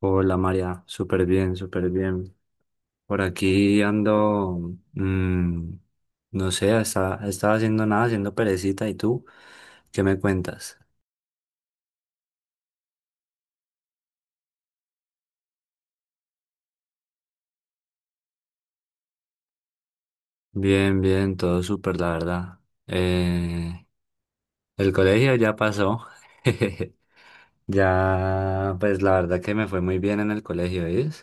Hola María, súper bien, súper bien. Por aquí ando, no sé, estaba haciendo nada, haciendo perecita. ¿Y tú? ¿Qué me cuentas? Bien, bien, todo súper, la verdad. Eh, el colegio ya pasó. Ya, pues la verdad que me fue muy bien en el colegio, ¿sí?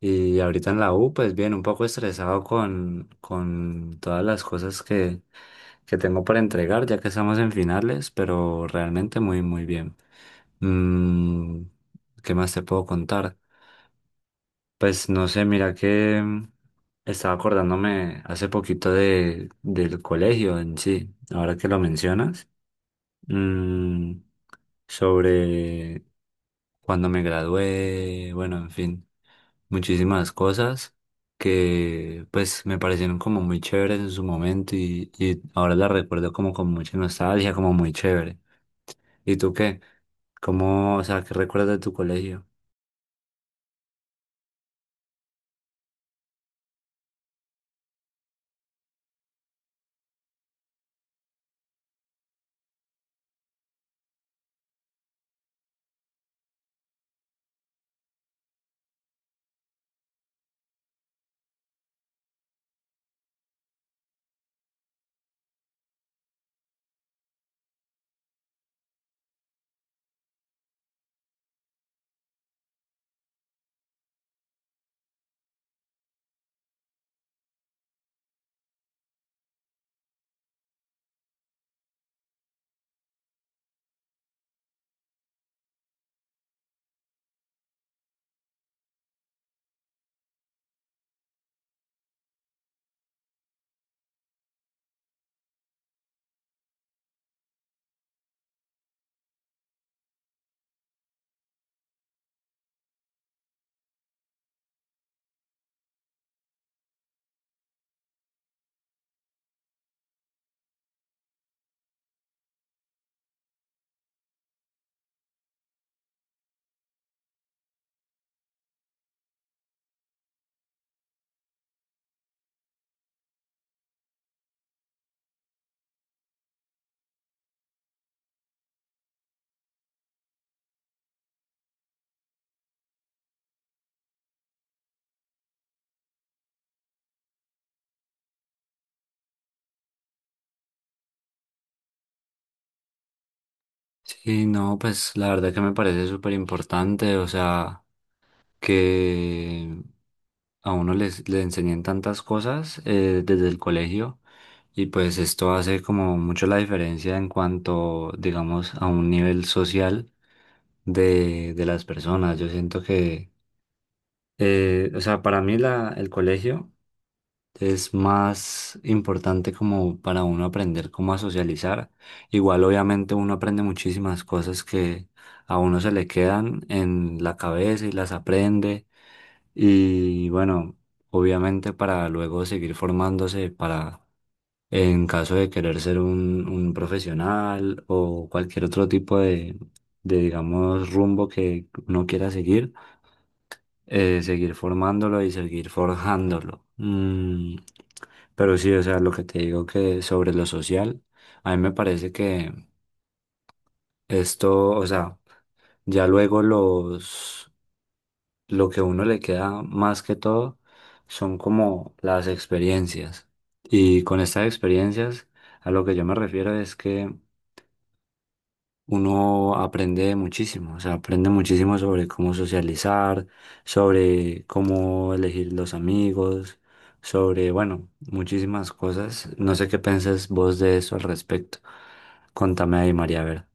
Y ahorita en la U, pues bien, un poco estresado con todas las cosas que tengo para entregar, ya que estamos en finales, pero realmente muy, muy bien. Mm, ¿Qué más te puedo contar? Pues no sé, mira que estaba acordándome hace poquito del colegio en sí, ahora que lo mencionas. Mm, sobre cuando me gradué, bueno, en fin, muchísimas cosas que pues me parecieron como muy chéveres en su momento y ahora las recuerdo como con mucha nostalgia, como muy chévere. ¿Y tú qué? ¿Cómo, o sea, qué recuerdas de tu colegio? Sí, no, pues la verdad que me parece súper importante, o sea, que a uno le enseñen tantas cosas desde el colegio y pues esto hace como mucho la diferencia en cuanto, digamos, a un nivel social de las personas. Yo siento que, o sea, para mí el colegio es más importante como para uno aprender cómo a socializar. Igual obviamente uno aprende muchísimas cosas que a uno se le quedan en la cabeza y las aprende y bueno, obviamente para luego seguir formándose para, en caso de querer ser un profesional o cualquier otro tipo digamos, rumbo que uno quiera seguir, seguir formándolo y seguir forjándolo. Pero sí, o sea, lo que te digo que sobre lo social, a mí me parece que esto, o sea, ya luego los lo que a uno le queda más que todo son como las experiencias. Y con estas experiencias, a lo que yo me refiero es que uno aprende muchísimo, o sea, aprende muchísimo sobre cómo socializar, sobre cómo elegir los amigos, sobre, bueno, muchísimas cosas. No sé qué piensas vos de eso al respecto. Contame ahí, María, a ver.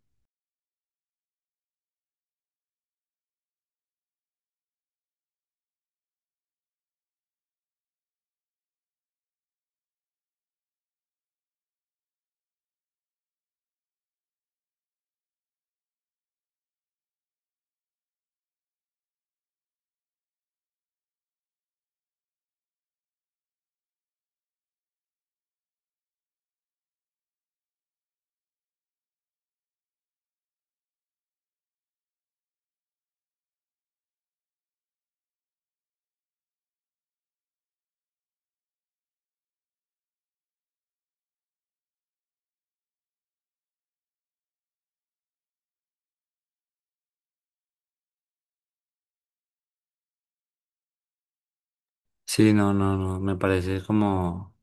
Sí, no, no, no, me parece como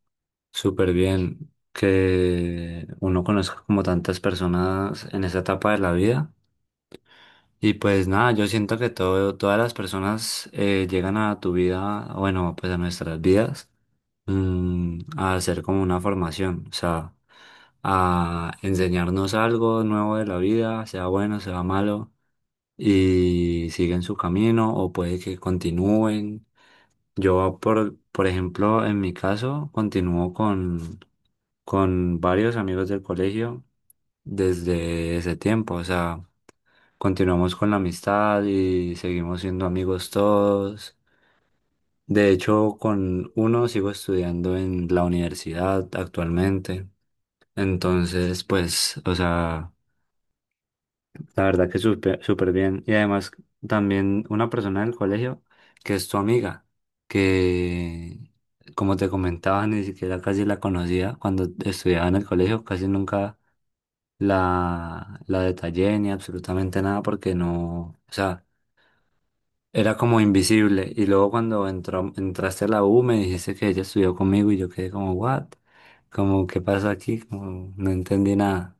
súper bien que uno conozca como tantas personas en esa etapa de la vida. Y pues nada, yo siento que todo, todas las personas llegan a tu vida, bueno, pues a nuestras vidas, a hacer como una formación, o sea, a enseñarnos algo nuevo de la vida, sea bueno, sea malo, y siguen su camino o puede que continúen. Yo, por ejemplo, en mi caso, continúo con varios amigos del colegio desde ese tiempo. O sea, continuamos con la amistad y seguimos siendo amigos todos. De hecho, con uno sigo estudiando en la universidad actualmente. Entonces, pues, o sea, la verdad que súper súper bien. Y además también una persona del colegio que es tu amiga, que como te comentaba, ni siquiera casi la conocía cuando estudiaba en el colegio, casi nunca la detallé ni absolutamente nada porque no, o sea, era como invisible. Y luego cuando entraste a la U me dijiste que ella estudió conmigo y yo quedé como, ¿what? Como, ¿qué pasa aquí? Como, no entendí nada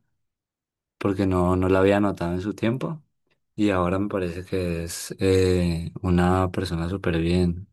porque no, no la había notado en su tiempo. Y ahora me parece que es una persona súper bien.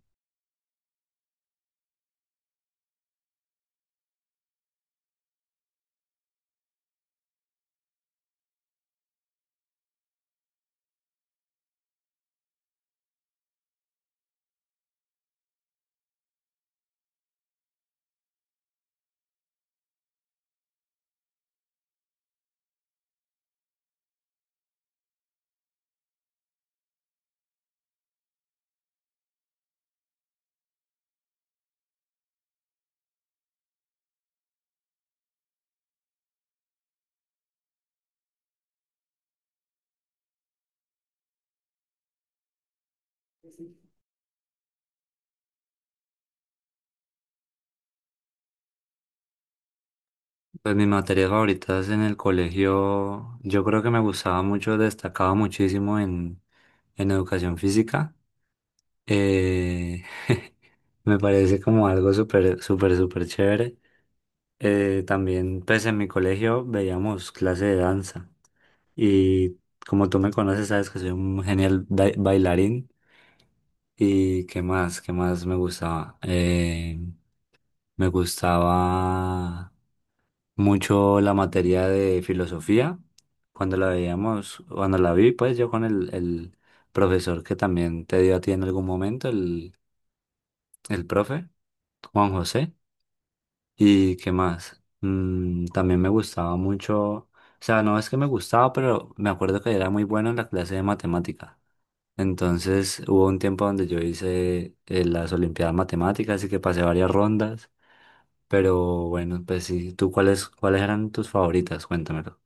Pues mis materias favoritas en el colegio, yo creo que me gustaba mucho, destacaba muchísimo en educación física. Eh, me parece como algo súper, súper, súper chévere. También, pues en mi colegio veíamos clase de danza. Y como tú me conoces, sabes que soy un genial bailarín. ¿Y qué más? ¿Qué más me gustaba? Me gustaba mucho la materia de filosofía. Cuando la veíamos, cuando la vi, pues yo con el profesor que también te dio a ti en algún momento, el profe, Juan José. ¿Y qué más? También me gustaba mucho, o sea, no es que me gustaba, pero me acuerdo que era muy bueno en la clase de matemática. Entonces hubo un tiempo donde yo hice las Olimpiadas Matemáticas y que pasé varias rondas. Pero bueno, pues sí, ¿tú cuáles eran tus favoritas? Cuéntamelo.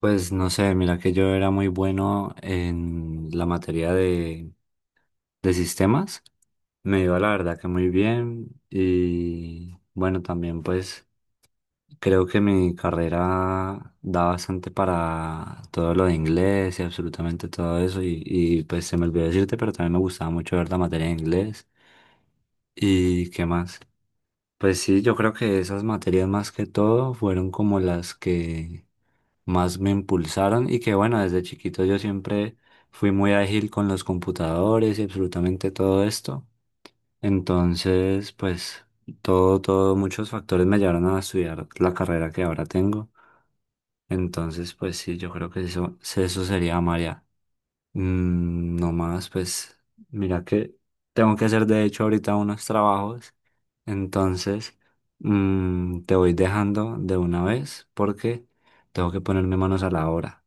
Pues no sé, mira que yo era muy bueno en la materia de sistemas. Me iba la verdad que muy bien y bueno, también pues creo que mi carrera da bastante para todo lo de inglés y absolutamente todo eso y pues se me olvidó decirte, pero también me gustaba mucho ver la materia de inglés. ¿Y qué más? Pues sí, yo creo que esas materias más que todo fueron como las que más me impulsaron y que bueno, desde chiquito yo siempre fui muy ágil con los computadores y absolutamente todo esto. Entonces, pues muchos factores me llevaron a estudiar la carrera que ahora tengo. Entonces, pues sí, yo creo que eso sería María. No más, pues mira que tengo que hacer de hecho ahorita unos trabajos. Entonces, te voy dejando de una vez porque tengo que ponerme manos a la obra.